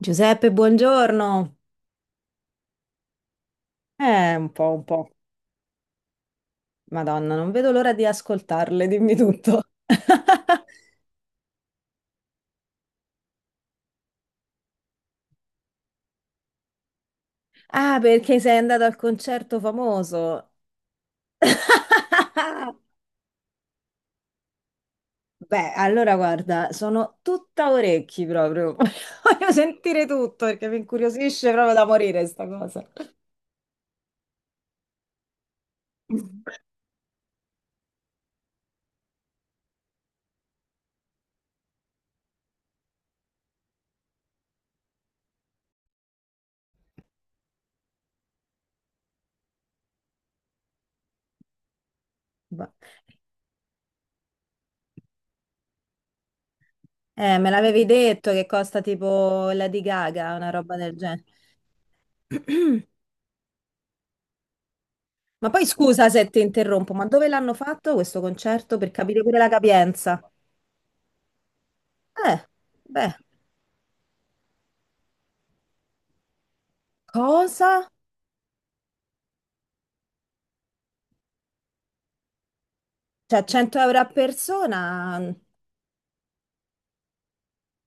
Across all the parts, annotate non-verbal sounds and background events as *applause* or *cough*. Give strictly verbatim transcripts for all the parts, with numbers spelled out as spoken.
Giuseppe, buongiorno. Eh, un po', un po'. Madonna, non vedo l'ora di ascoltarle, dimmi tutto. *laughs* Ah, perché sei andato al concerto famoso? *laughs* Beh, allora guarda, sono tutta orecchi proprio. *laughs* Voglio sentire tutto perché mi incuriosisce proprio da morire sta cosa. *laughs* Ma- Eh, me l'avevi detto che costa tipo la di Gaga, una roba del genere. *clears throat* Ma poi scusa se ti interrompo, ma dove l'hanno fatto questo concerto per capire pure la capienza? Eh, beh, Cosa? Cioè cento euro a persona?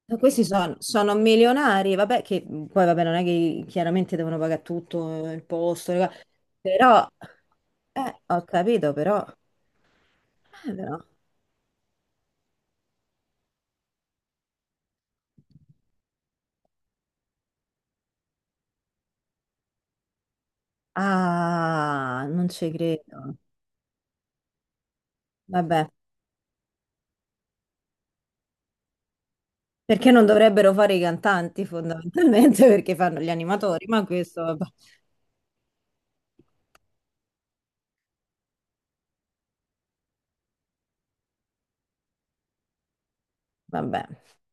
Ma Questi son- sono milionari, vabbè, che poi vabbè, non è che chiaramente devono pagare tutto eh, il posto, le cose, però, eh, ho capito, però, eh, però. Ah, non ci credo. Vabbè, perché non dovrebbero fare i cantanti fondamentalmente *laughs* perché fanno gli animatori, ma questo, vabbè. Vabbè,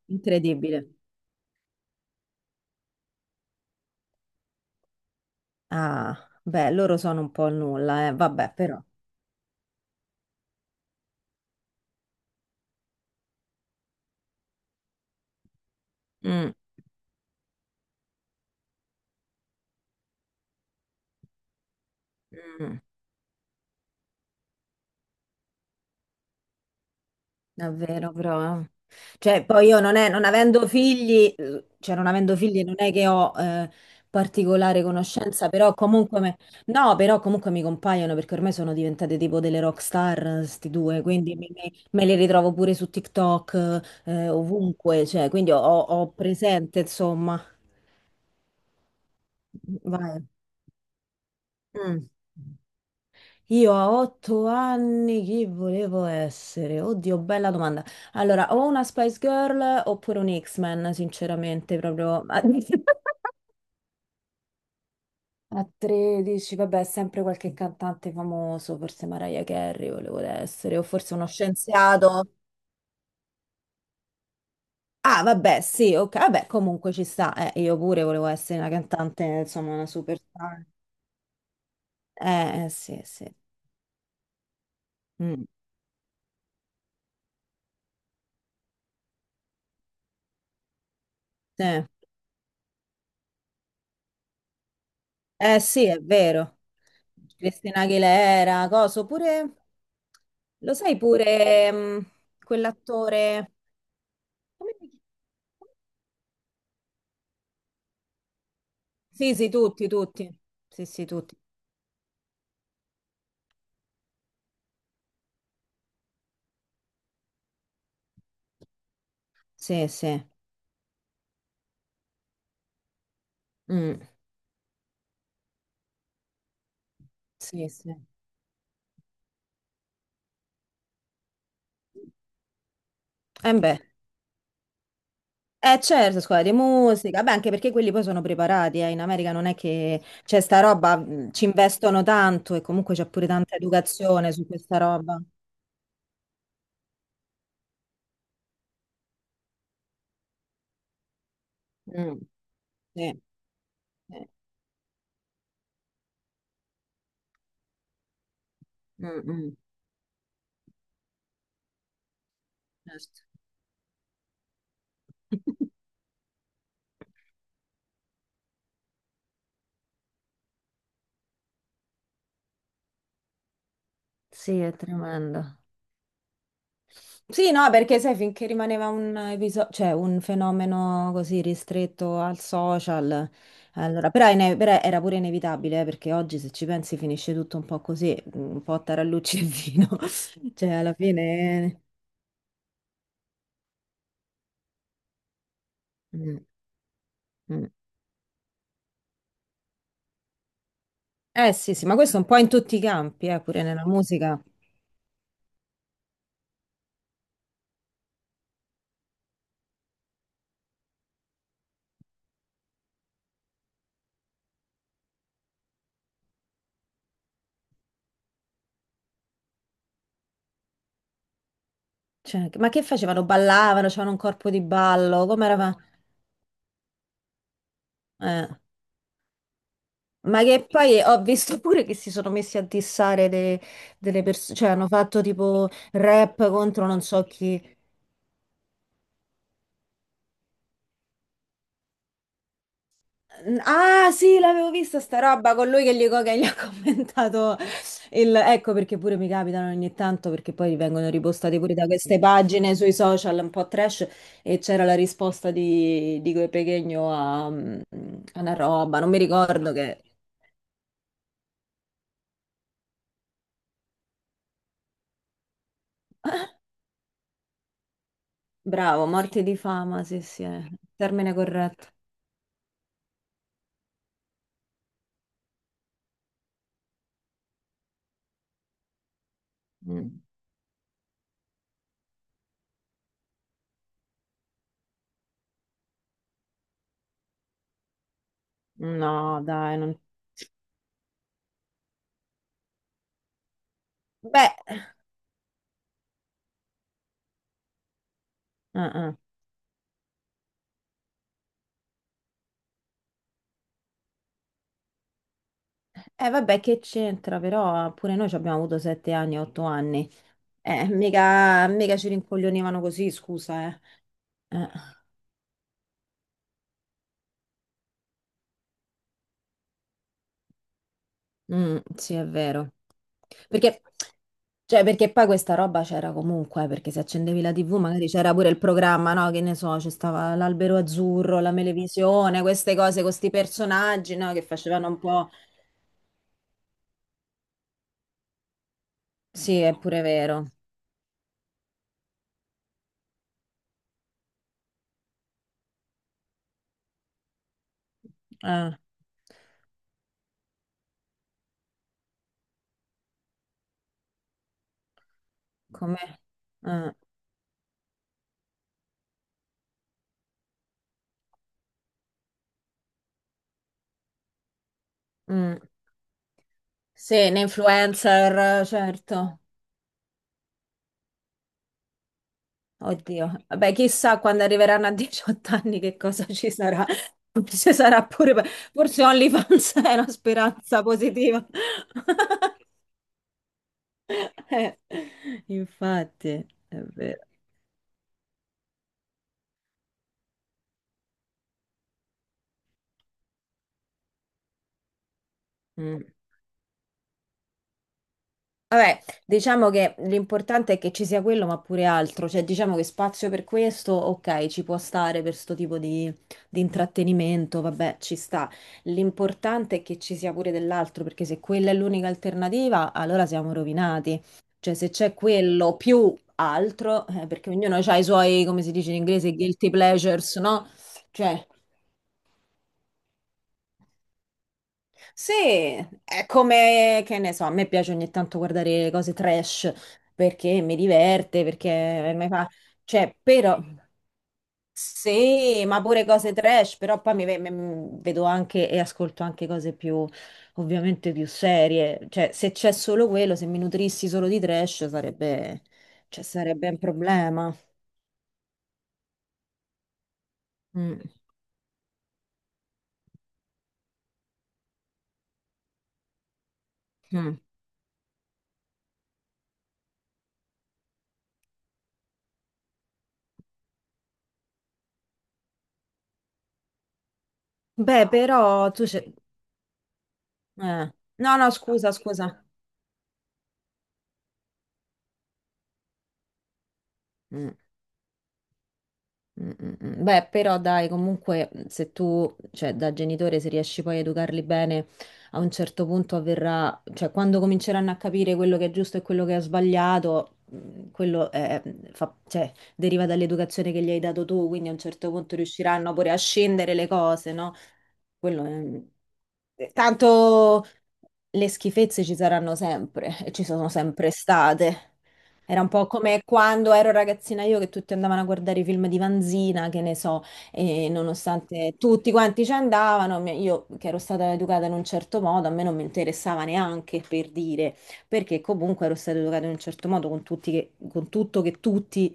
incredibile. ah, Beh, loro sono un po' il nulla, eh, vabbè, però. Mm, mm, davvero, però. eh. Cioè, poi io non è, non avendo figli, eh, cioè non avendo figli non è che ho eh, particolare conoscenza, però comunque, me- no, però comunque mi compaiono perché ormai sono diventate tipo delle rock star, sti due, quindi me, me- me le ritrovo pure su TikTok, eh, ovunque, cioè, quindi ho, ho presente, insomma. Vai. Mm. Io a otto anni chi volevo essere? Oddio, bella domanda. Allora, o una Spice Girl oppure un X-Men, sinceramente, proprio. *laughs* A a tredici, vabbè, sempre qualche cantante famoso, forse Mariah Carey volevo essere, o forse uno scienziato. Ah, vabbè, sì, ok, vabbè, comunque ci sta. Eh, io pure volevo essere una cantante, insomma, una superstar. Eh, eh, sì, sì. Mm, sì. Eh, sì, è vero. Cristina Aguilera, coso, pure... Lo sai pure, mh, quell'attore... Come si chiama? Sì, sì, tutti, tutti. Sì, sì, tutti. Sì, sì. Mm, sì, sì. E beh. Eh certo, scuola di musica, beh anche perché quelli poi sono preparati, eh. In America non è che c'è sta roba, mh, ci investono tanto e comunque c'è pure tanta educazione su questa roba. Mm, sì, sì. Mm, mm, certo. *laughs* Sì, è tremendo. Sì, no, perché sai, finché rimaneva un episodio, cioè un fenomeno così ristretto al social, allora, però, è ine- però era pure inevitabile, eh, perché oggi se ci pensi finisce tutto un po' così, un po' a tarallucci e vino, *laughs* cioè alla fine... Mm, mm. Eh sì, sì, ma questo è un po' in tutti i campi, eh, pure nella musica. Cioè, ma che facevano? Ballavano, c'avevano un corpo di ballo, come era? Ma che poi eh, ho visto pure che si sono messi a dissare de- delle persone, cioè hanno fatto tipo rap contro non so chi. N- Ah sì, l'avevo vista sta roba con lui che gli, co- che gli *laughs* ha commentato il... Ecco perché pure mi capitano ogni tanto perché poi vengono ripostati pure da queste pagine sui social un po' trash e c'era la risposta di, di quel Pechegno a, a una roba, non mi ricordo che... Bravo, morti di fama, sì sì, è il termine corretto. Mm. No, dai, non... Beh, eh, eh. Eh, vabbè, che c'entra, però pure noi ci abbiamo avuto sette anni, otto anni. Eh, mica, mica ci rincoglionivano così, scusa, eh. Eh, mm, sì, è vero. Perché, cioè, perché poi questa roba c'era comunque, eh, perché se accendevi la tivù magari c'era pure il programma, no? Che ne so, c'è stava l'Albero Azzurro, la Melevisione, queste cose con questi personaggi, no? Che facevano un po'... Sì, è pure vero. Eh, come... Mm. Sì, un influencer, certo. Oddio. Vabbè, chissà quando arriveranno a diciotto *laughs* anni che cosa ci sarà. Forse sarà pure... Forse OnlyFans *laughs* è una speranza positiva. *laughs* Eh, infatti, è vero. Mm. Vabbè, diciamo che l'importante è che ci sia quello, ma pure altro, cioè diciamo che spazio per questo, ok, ci può stare per sto tipo di, di intrattenimento, vabbè, ci sta. L'importante è che ci sia pure dell'altro, perché se quella è l'unica alternativa, allora siamo rovinati. Cioè se c'è quello più altro, eh, perché ognuno ha i suoi, come si dice in inglese, guilty pleasures, no? Cioè... Sì, è come, che ne so, a me piace ogni tanto guardare le cose trash perché mi diverte, perché mi fa... Cioè, però... Sì, ma pure cose trash, però poi mi, ve- mi- vedo anche e ascolto anche cose più, ovviamente più serie. Cioè, se c'è solo quello, se mi nutrissi solo di trash sarebbe, cioè, sarebbe un problema. Mm, mm. Beh, però tu c'è... eh. No, no, scusa, scusa. Mm. Mm, mm, mm. Beh, però dai, comunque se tu, cioè da genitore, se riesci poi a educarli bene, a un certo punto avverrà, cioè quando cominceranno a capire quello che è giusto e quello che è sbagliato, mm, quello è- fa- cioè, deriva dall'educazione che gli hai dato tu, quindi a un certo punto riusciranno pure a scendere le cose, no? Quello è... mm, eh, tanto le schifezze ci saranno sempre e ci sono sempre state. Era un po' come quando ero ragazzina io che tutti andavano a guardare i film di Vanzina, che ne so, e nonostante tutti quanti ci andavano, mi- io che ero stata educata in un certo modo, a me non mi interessava neanche per dire, perché comunque ero stata educata in un certo modo con tutti che- con tutto che tutti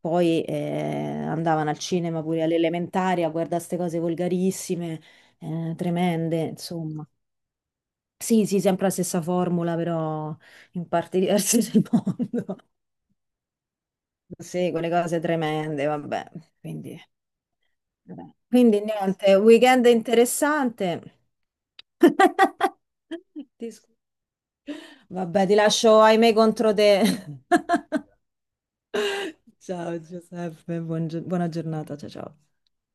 poi eh, andavano al cinema pure all'elementare a guardare queste cose volgarissime, eh, tremende, insomma. Sì, sì, sempre la stessa formula, però in parti *laughs* diverse del mondo. Sì, quelle cose tremende, vabbè. Quindi, vabbè. Quindi niente, weekend interessante. Ti scu- Vabbè, ti lascio ahimè contro te. *laughs* Ciao Giuseppe, buon gio- buona giornata, ciao ciao.